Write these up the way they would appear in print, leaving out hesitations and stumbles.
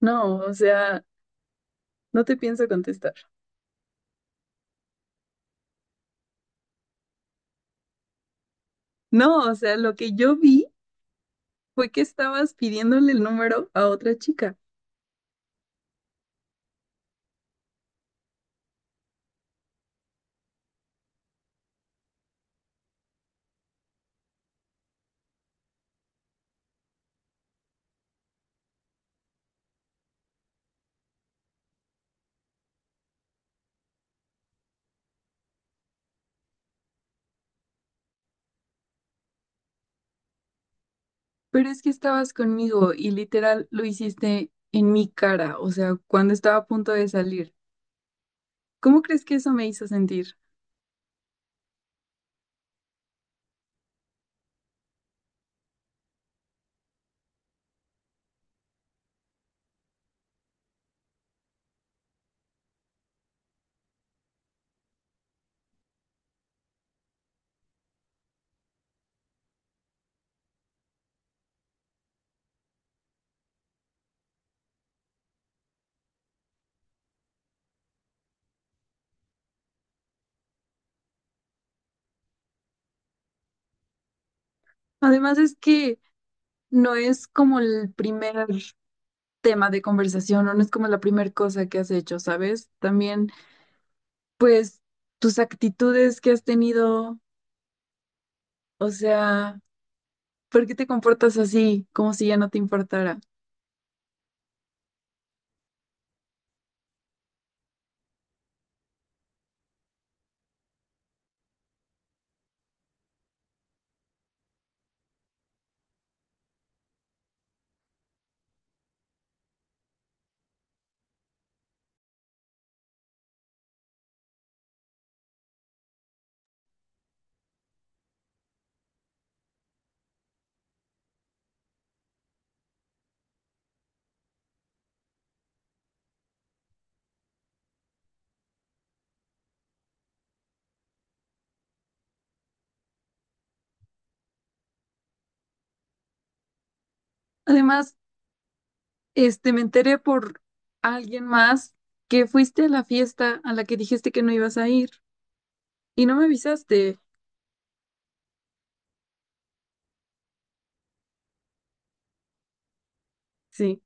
No, o sea, no te pienso contestar. No, o sea, lo que yo vi fue que estabas pidiéndole el número a otra chica, pero es que estabas conmigo y literal lo hiciste en mi cara, o sea, cuando estaba a punto de salir. ¿Cómo crees que eso me hizo sentir? Además es que no es como el primer tema de conversación o no es como la primera cosa que has hecho, ¿sabes? También, pues, tus actitudes que has tenido, o sea... ¿Por qué te comportas así, como si ya no te importara? Además, me enteré por alguien más que fuiste a la fiesta a la que dijiste que no ibas a ir y no me avisaste. Sí.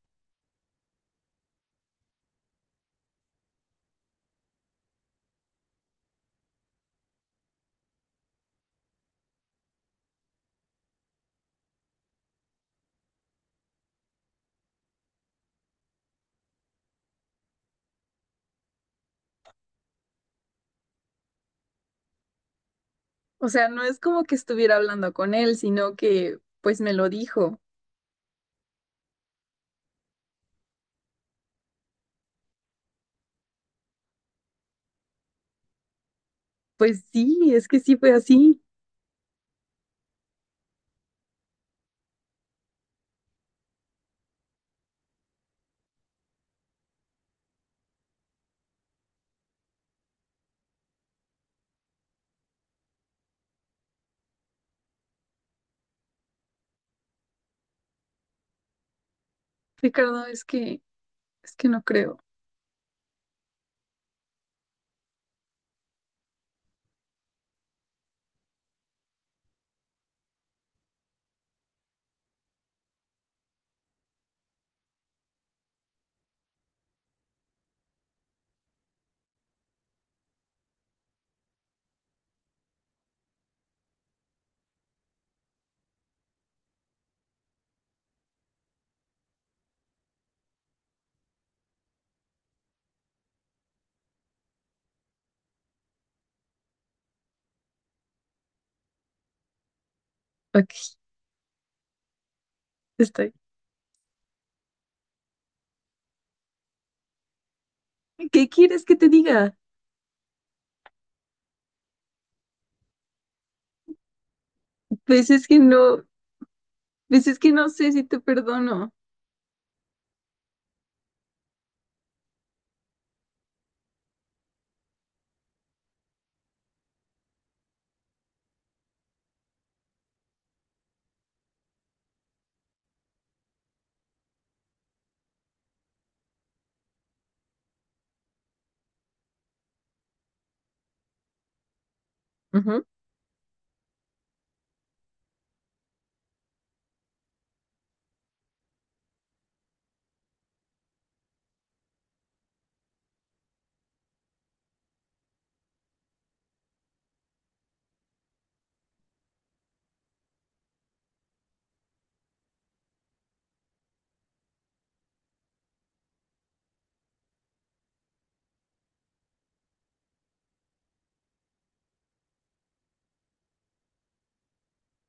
O sea, no es como que estuviera hablando con él, sino que pues me lo dijo. Pues sí, es que sí fue así. Ricardo, es que no creo. Ok, estoy. ¿Qué quieres que te diga? Pues es que no, pues es que no sé si te perdono. Ujú.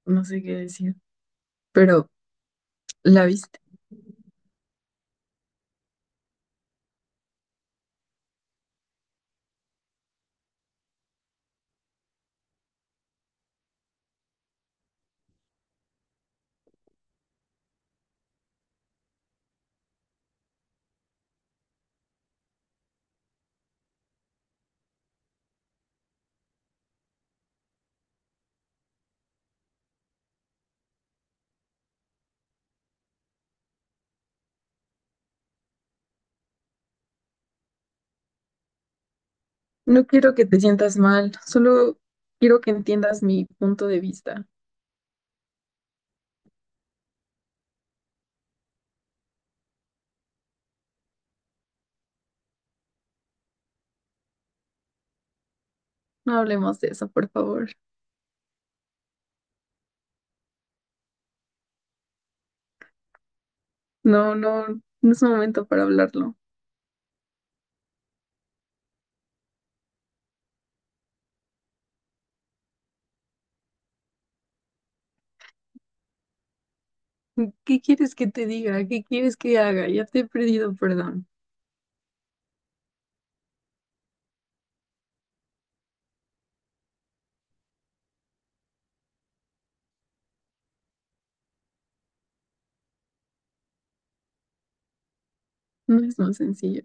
No sé qué decir. Pero la viste. No quiero que te sientas mal, solo quiero que entiendas mi punto de vista. No hablemos de eso, por favor. No, no, no es momento para hablarlo. ¿Qué quieres que te diga? ¿Qué quieres que haga? Ya te he pedido perdón. No es tan sencillo.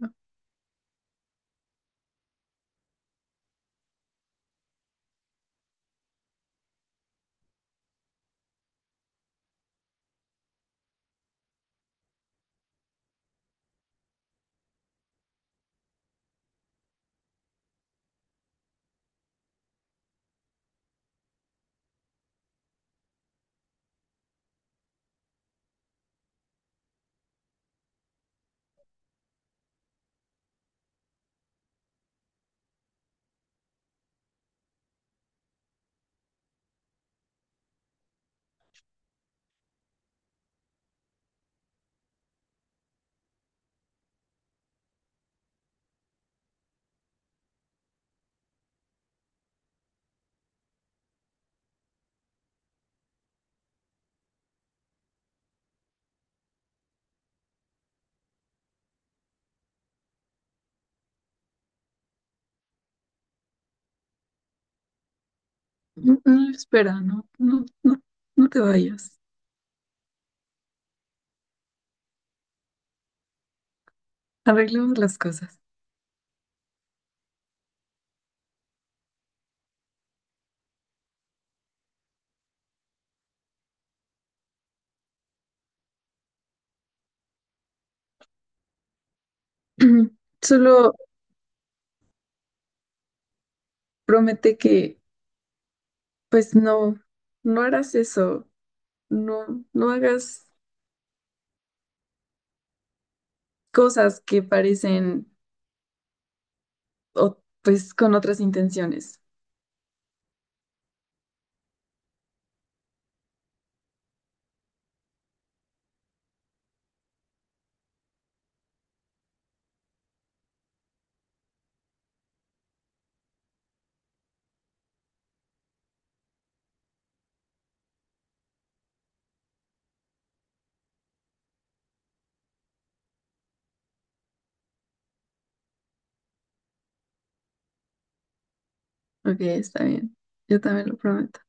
No, no, espera, no, no, no, no te vayas. Arreglemos las cosas. Solo promete que, pues no, no harás eso. No, no hagas cosas que parecen, o, pues, con otras intenciones. Ok, está bien. Yo también lo prometo.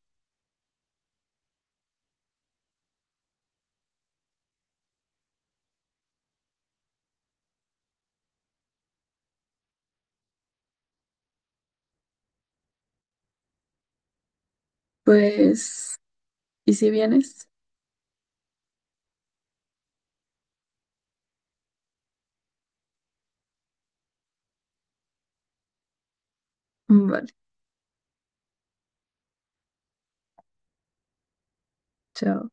Pues, ¿y si vienes? Vale, chao.